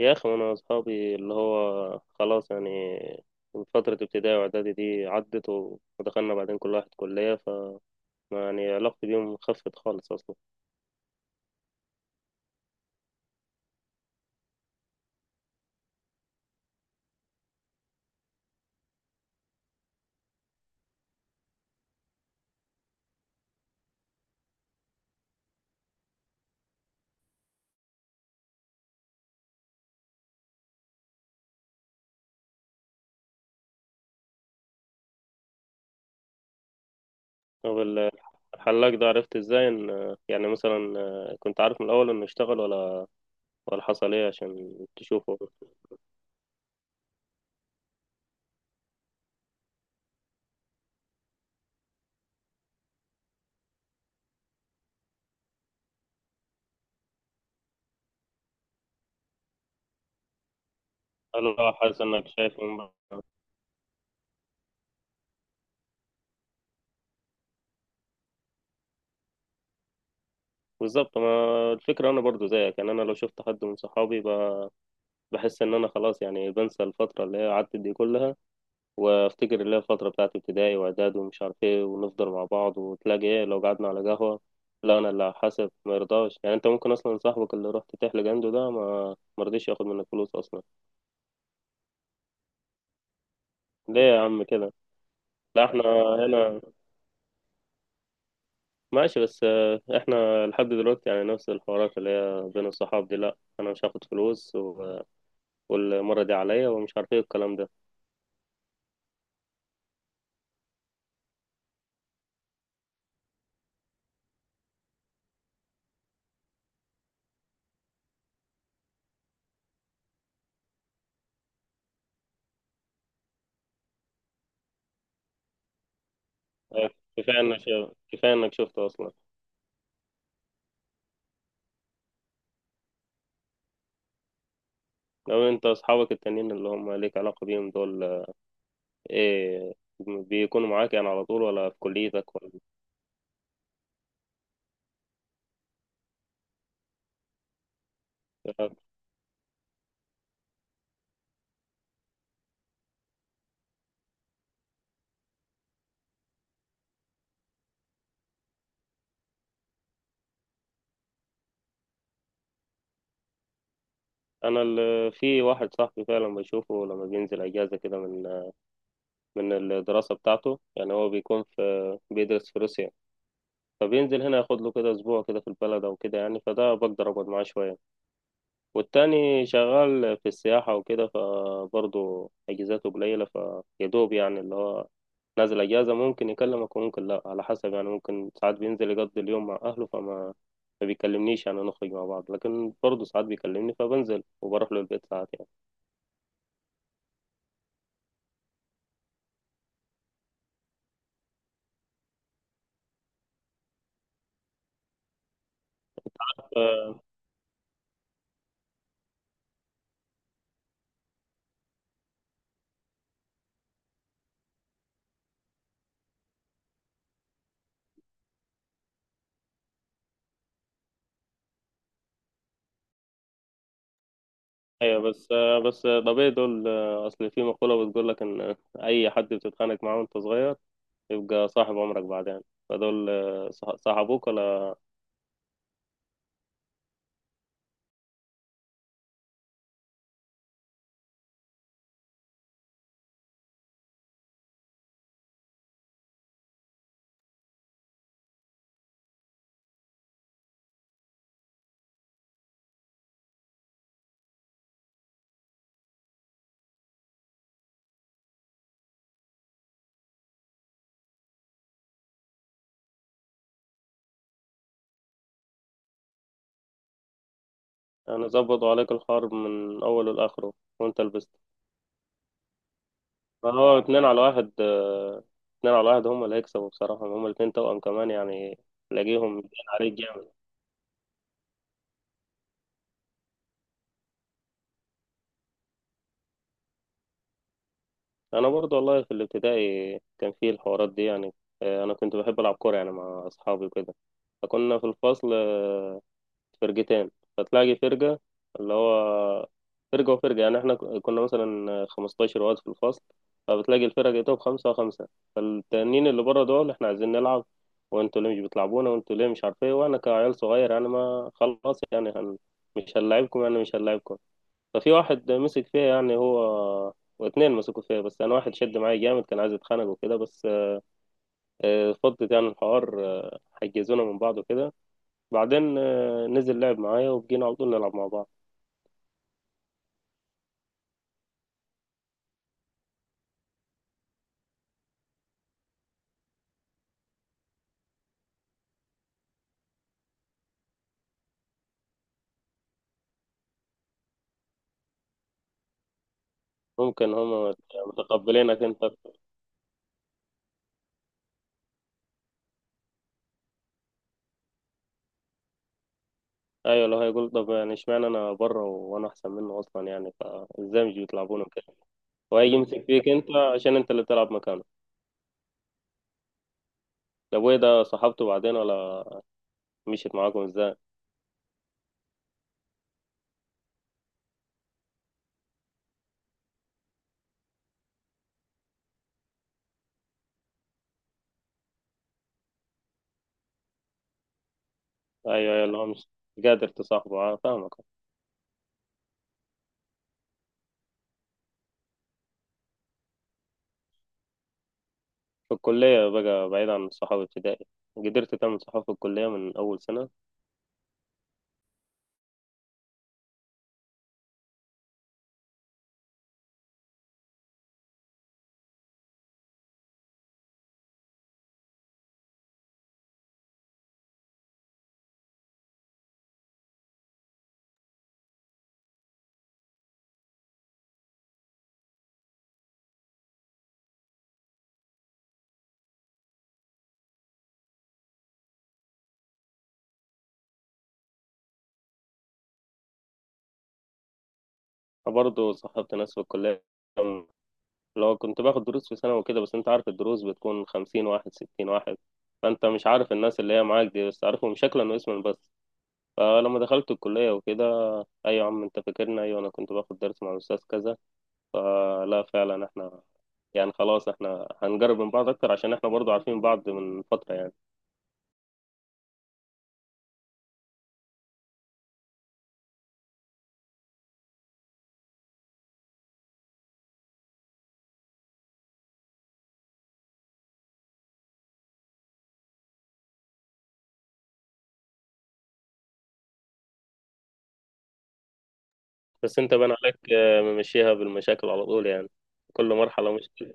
يا أخي أنا أصحابي اللي هو خلاص يعني من فترة ابتدائي وإعدادي دي عدت و- ودخلنا بعدين كل واحد كلية ف يعني علاقتي بيهم خفت خالص أصلا. طب الحلاق ده عرفت إزاي إن يعني مثلا كنت عارف من الأول إنه اشتغل ولا حصل إيه عشان تشوفه؟ قال له حاسس إنك شايفه من بعيد. بالظبط، ما الفكرة أنا برضو زيك يعني أنا لو شفت حد من صحابي بحس إن أنا خلاص يعني بنسى الفترة اللي هي عدت دي كلها وافتكر اللي هي الفترة بتاعت ابتدائي واعدادي ومش عارف ايه، ونفضل مع بعض وتلاقي ايه لو قعدنا على قهوة. لا انا اللي هحاسب، ما يرضاش يعني، انت ممكن اصلا صاحبك اللي رحت تحلق عنده ده ما مرضيش ياخد منك فلوس اصلا. ليه يا عم كده؟ لا احنا هنا ماشي بس احنا لحد دلوقتي يعني نفس الحوارات اللي هي بين الصحاب دي، لا انا مش هاخد فلوس و- والمرة دي عليا ومش عارف ايه الكلام ده. آه، كفاية انك كفاية انك شفته اصلا. لو انت اصحابك التانيين اللي هم ليك علاقة بيهم دول، إيه، بيكونوا معاك يعني على طول ولا في كليتك ولا؟ أنا في واحد صاحبي فعلا بشوفه لما بينزل أجازة كده من من الدراسة بتاعته، يعني هو بيكون في بيدرس في روسيا، فبينزل هنا ياخد له كده أسبوع كده في البلد أو كده، يعني فده بقدر أقعد معاه شوية. والتاني شغال في السياحة وكده فبرضه أجازاته قليلة، فيدوب يعني اللي هو نازل أجازة ممكن يكلمك وممكن لأ على حسب، يعني ممكن ساعات بينزل يقضي اليوم مع أهله فما ما بيكلمنيش يعني نخرج مع بعض، لكن برضه ساعات بيكلمني فبنزل وبروح له البيت ساعات يعني. أيوة. بس طبيعي دول، أصل في مقولة بتقول لك إن أي حد بتتخانق معاه وأنت صغير يبقى صاحب عمرك بعدين، فدول صاحبوك ولا؟ يعني ظبطوا عليك الحرب من أوله لآخره وأنت لبست. فهو اتنين على واحد. اتنين على واحد هما اللي هيكسبوا بصراحة، هما الاتنين توأم كمان يعني تلاقيهم باين عليك جامد. أنا برضو والله في الابتدائي كان فيه الحوارات دي يعني. أنا كنت بحب ألعب كورة يعني مع أصحابي وكده، فكنا في الفصل فرقتين، فتلاقي فرقة، اللي هو فرقة وفرقة، يعني احنا كنا مثلا 15 واد في الفصل، فبتلاقي الفرق بتاعتهم خمسة وخمسة، فالتانيين اللي بره دول احنا عايزين نلعب، وانتوا ليه مش بتلعبونا، وانتوا ليه مش عارف ايه، وانا كعيال صغير يعني ما خلاص يعني هن مش هنلعبكم. ففي واحد مسك فيها يعني هو، واتنين مسكوا فيها، بس انا واحد شد معايا جامد كان عايز يتخانق وكده، بس فضت يعني الحوار، حجزونا من بعض وكده. بعدين نزل لعب معايا وبقينا على طول نلعب مع بعض. ممكن هم متقبلينك انت أكتر. ايوه، لو هيقول طب يعني اشمعنى انا بره وانا احسن منه اصلا، يعني فازاي مش بيطلعوني كده، وهيجي يمسك فيك انت عشان انت اللي تلعب مكانه. طب وايه ده، صاحبته بعدين ولا مشيت معاكم ازاي؟ ايوه اللي هو مش قادر تصاحبه، اه فاهمك. في الكلية بقى بعيد عن صحاب ابتدائي، قدرت تعمل صحاب في الكلية من أول سنة؟ برضه صاحبت ناس في الكلية لو كنت باخد دروس في ثانوي وكده، بس انت عارف الدروس بتكون خمسين واحد ستين واحد، فانت مش عارف الناس اللي هي معاك دي، بس عارفهم شكلا واسما بس. فلما دخلت الكلية وكده، ايوه يا عم انت فاكرنا، ايوه انا كنت باخد درس مع الاستاذ كذا، فلا فعلا احنا يعني خلاص احنا هنقرب من بعض اكتر عشان احنا برضو عارفين بعض من فترة يعني. بس انت بان عليك ممشيها بالمشاكل على طول يعني، كل مرحلة مشكلة.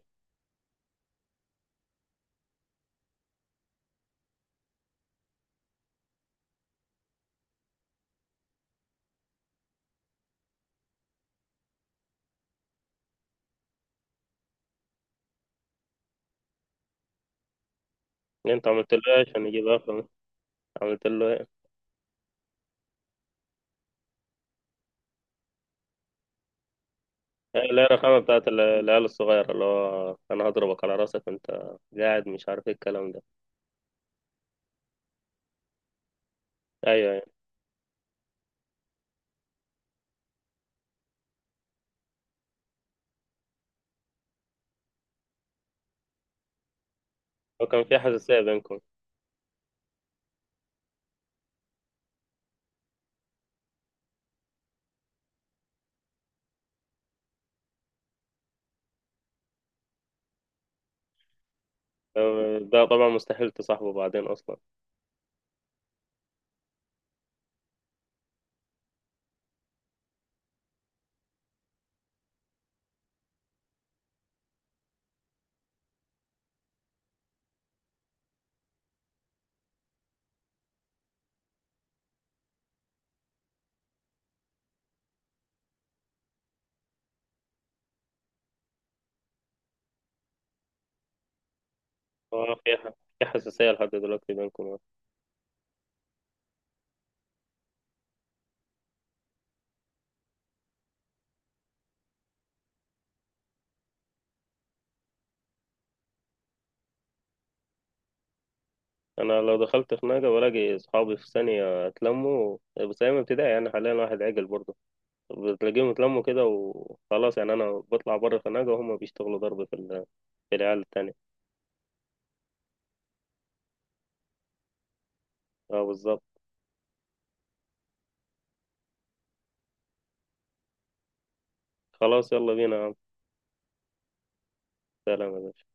انت عملت له ايه عشان يجيب اخر عملت له ايه هي اللي هي الرخامة بتاعت العيال الصغيرة، اللي هو أنا هضربك على راسك، أنت قاعد مش عارف إيه الكلام ده. أيوه، وكان في حساسية بينكم. ده طبعا مستحيل تصاحبه بعدين أصلا. هو في في حساسية لحد دلوقتي بينكم؟ أنا لو دخلت خناقة بلاقي صحابي في ثانية اتلموا، بس أيام ابتدائي يعني، حاليا واحد عاقل برضه، بتلاقيهم اتلموا كده وخلاص، يعني أنا بطلع بره خناقة وهم بيشتغلوا ضرب في في العيال التانية. أه بالظبط. خلاص يلا بينا يا عم. سلام يا باشا.